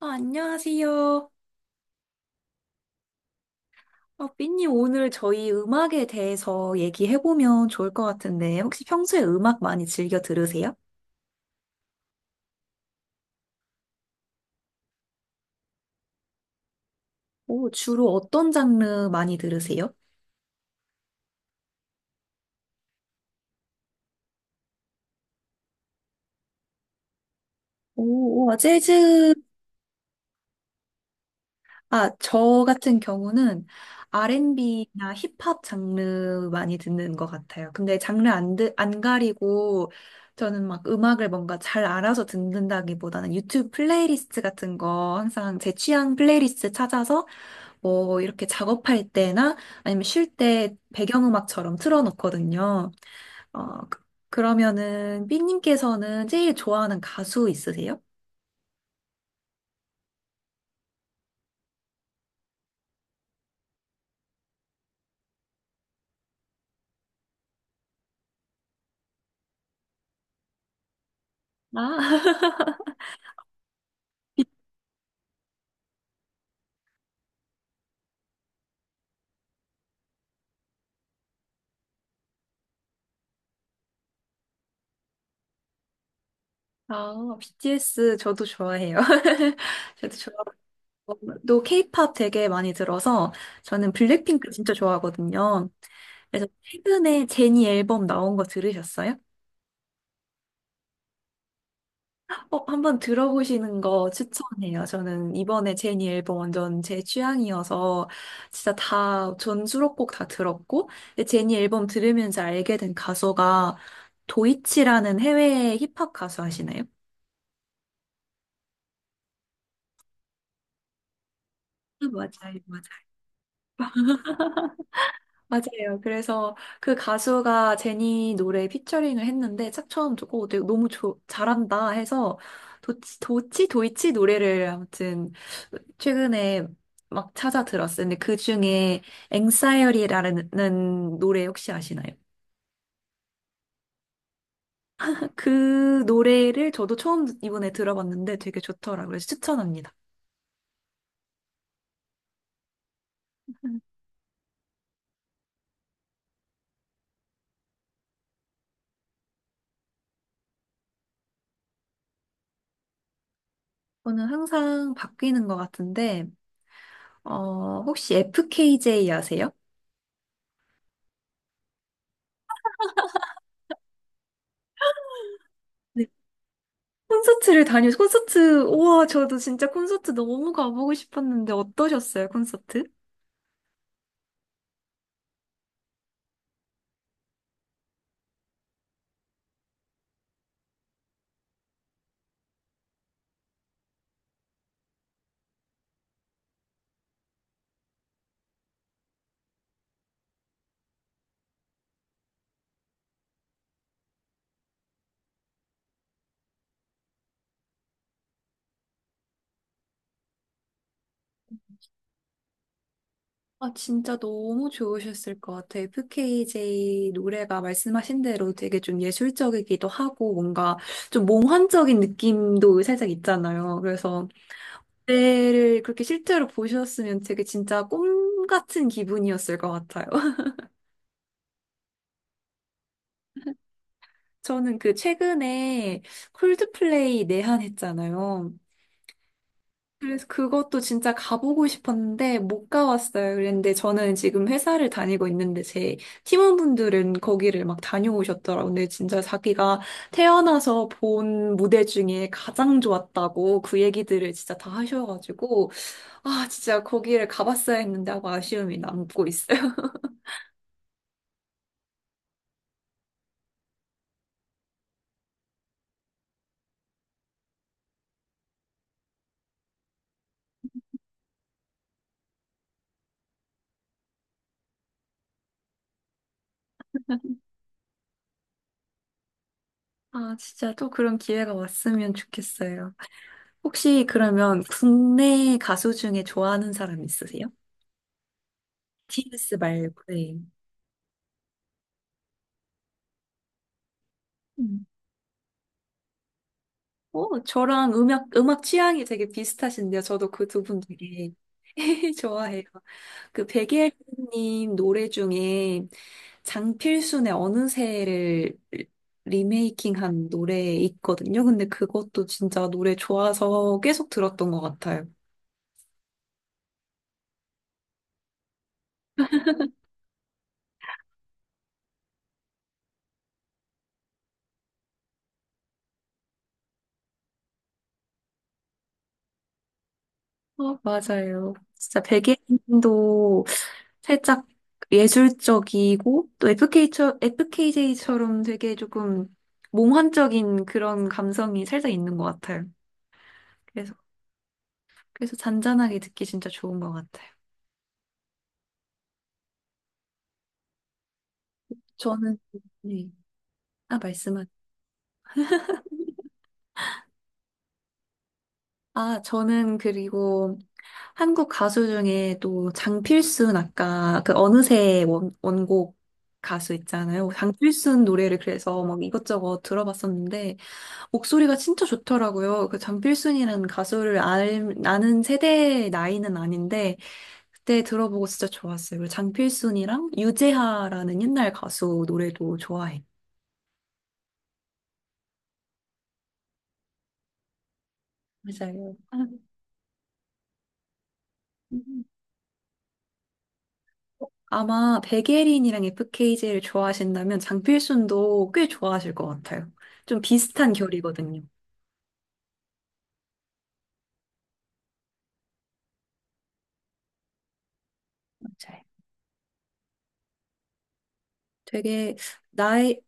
안녕하세요. 삐님, 오늘 저희 음악에 대해서 얘기해보면 좋을 것 같은데, 혹시 평소에 음악 많이 즐겨 들으세요? 오, 주로 어떤 장르 많이 들으세요? 오, 와, 재즈. 아, 저 같은 경우는 R&B나 힙합 장르 많이 듣는 것 같아요. 근데 장르 안 가리고, 저는 막 음악을 뭔가 잘 알아서 듣는다기보다는 유튜브 플레이리스트 같은 거 항상 제 취향 플레이리스트 찾아서 뭐 이렇게 작업할 때나 아니면 쉴 때 배경음악처럼 틀어놓거든요. 어, 그- 그러면은 삐님께서는 제일 좋아하는 가수 있으세요? 아, 아, BTS 저도 좋아해요. 저도 좋아하고 또 K-pop 되게 많이 들어서 저는 블랙핑크 진짜 좋아하거든요. 그래서 최근에 제니 앨범 나온 거 들으셨어요? 한번 들어보시는 거 추천해요. 저는 이번에 제니 앨범 완전 제 취향이어서 진짜 전 수록곡 다 들었고, 근데 제니 앨범 들으면서 알게 된 가수가 도이치라는 해외 힙합 가수 아시나요? 아, 맞아요, 맞아요. 맞아요. 그래서 그 가수가 제니 노래 피처링을 했는데 딱 처음 듣고 되게 너무 잘한다 해서 도이치 노래를 아무튼 최근에 막 찾아 들었어요. 근데 그 중에 앵싸이어리라는 노래 혹시 아시나요? 그 노래를 저도 처음 이번에 들어봤는데 되게 좋더라고요. 그래서 추천합니다. 음. 저는 항상 바뀌는 것 같은데, 혹시 FKJ 아세요? 우와, 저도 진짜 콘서트 너무 가보고 싶었는데 어떠셨어요, 콘서트? 아, 진짜 너무 좋으셨을 것 같아요. FKJ 노래가 말씀하신 대로 되게 좀 예술적이기도 하고 뭔가 좀 몽환적인 느낌도 살짝 있잖아요. 그래서 그때를 그렇게 실제로 보셨으면 되게 진짜 꿈 같은 기분이었을 것 같아요. 저는 그 최근에 콜드플레이 내한했잖아요. 그래서 그것도 진짜 가보고 싶었는데 못 가봤어요. 그런데 저는 지금 회사를 다니고 있는데 제 팀원분들은 거기를 막 다녀오셨더라고요. 근데 진짜 자기가 태어나서 본 무대 중에 가장 좋았다고 그 얘기들을 진짜 다 하셔가지고 아 진짜 거기를 가봤어야 했는데 하고 아쉬움이 남고 있어요. 아 진짜 또 그런 기회가 왔으면 좋겠어요. 혹시 그러면 국내 가수 중에 좋아하는 사람 있으세요? TBS 말고. 네. 오, 저랑 음악 취향이 되게 비슷하신데요. 저도 그 두 분 되게 좋아해요. 그 백예린님 노래 중에 장필순의 어느새를 리메이킹한 노래 있거든요. 근데 그것도 진짜 노래 좋아서 계속 들었던 것 같아요. 어, 맞아요. 진짜 백예린도 살짝 예술적이고 또 FKJ처럼 되게 조금 몽환적인 그런 감성이 살짝 있는 것 같아요. 그래서, 그래서 잔잔하게 듣기 진짜 좋은 것 같아요. 저는, 네. 아, 말씀하 저는 그리고 한국 가수 중에 또 장필순 아까 그 어느새 원곡 가수 있잖아요. 장필순 노래를 그래서 막 이것저것 들어봤었는데 목소리가 진짜 좋더라고요. 그 장필순이라는 가수를 아는 세대의 나이는 아닌데, 그때 들어보고 진짜 좋았어요. 그리고 장필순이랑 유재하라는 옛날 가수 노래도 좋아해. 맞아요. 아, 음. 아마 백예린이랑 FKJ를 좋아하신다면 장필순도 꽤 좋아하실 것 같아요. 좀 비슷한 결이거든요. 맞아요. 되게 나의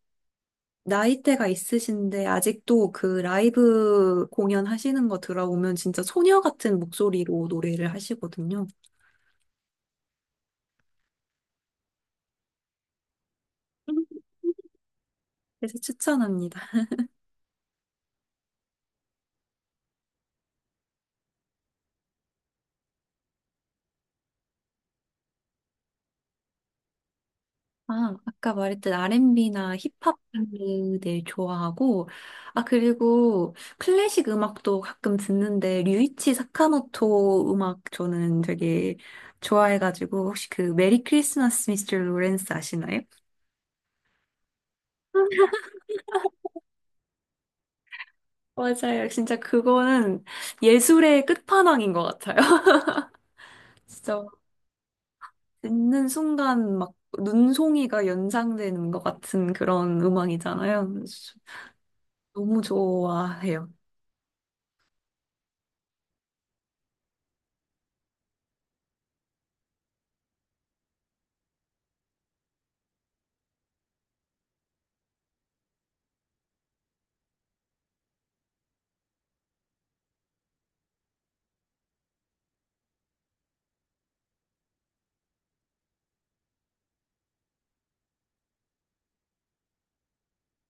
나이대가 있으신데 아직도 그 라이브 공연 하시는 거 들어보면 진짜 소녀 같은 목소리로 노래를 하시거든요. 그래서 추천합니다. 아, 아까 말했던 R&B나 힙합 들 좋아하고, 아, 그리고 클래식 음악도 가끔 듣는데, 류이치 사카모토 음악 저는 되게 좋아해가지고, 혹시 그 메리 크리스마스 미스터 로렌스 아시나요? 맞아요. 진짜 그거는 예술의 끝판왕인 것 같아요. 진짜 듣는 순간 막 눈송이가 연상되는 것 같은 그런 음악이잖아요. 그래서 너무 좋아해요.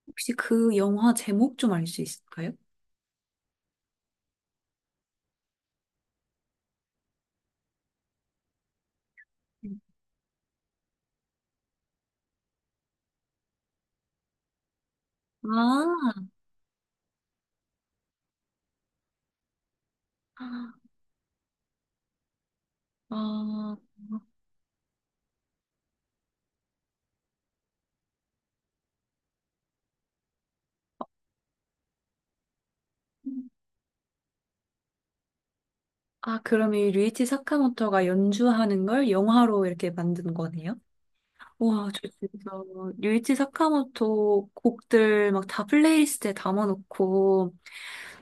혹시 그 영화 제목 좀 알 수 있을까요? 아, 아, 아, 그럼 이 류이치 사카모토가 연주하는 걸 영화로 이렇게 만든 거네요? 와, 저 진짜 류이치 사카모토 곡들 막 다 플레이리스트에 담아놓고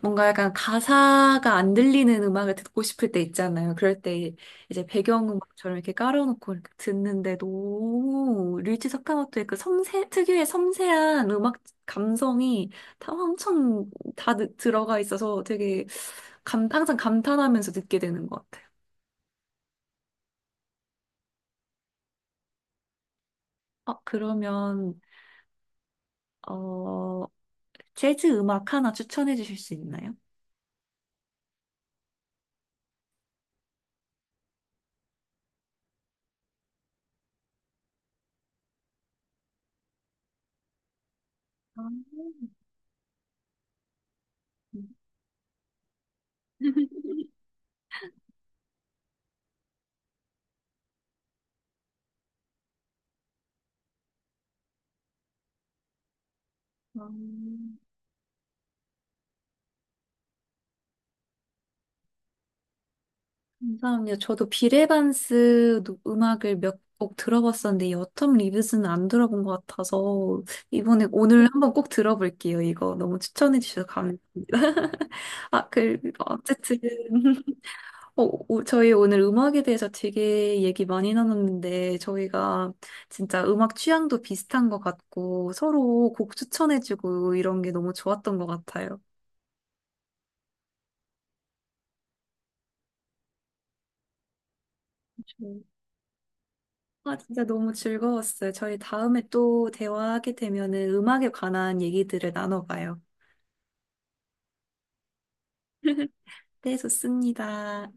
뭔가 약간 가사가 안 들리는 음악을 듣고 싶을 때 있잖아요. 그럴 때 이제 배경음악처럼 이렇게 깔아놓고 이렇게 듣는데 너무 류치 사카모토의 그 특유의 섬세한 음악 감성이 다 엄청 다 들어가 있어서 되게 항상 감탄하면서 듣게 되는 것 같아요. 그러면, 어, 재즈 음악 하나 추천해 주실 수 있나요? 아, 음. 감사합니다. 저도 비레반스 음악을 몇 곡 들어봤었는데 여텀 리뷰스는 안 들어본 것 같아서 이번에 오늘 한번 꼭 들어볼게요. 이거 너무 추천해 주셔서 감사합니다. 아, 그 어쨌든 어, 저희 오늘 음악에 대해서 되게 얘기 많이 나눴는데 저희가 진짜 음악 취향도 비슷한 것 같고 서로 곡 추천해주고 이런 게 너무 좋았던 것 같아요. 아, 진짜 너무 즐거웠어요. 저희 다음에 또 대화하게 되면은 음악에 관한 얘기들을 나눠봐요. 네, 좋습니다.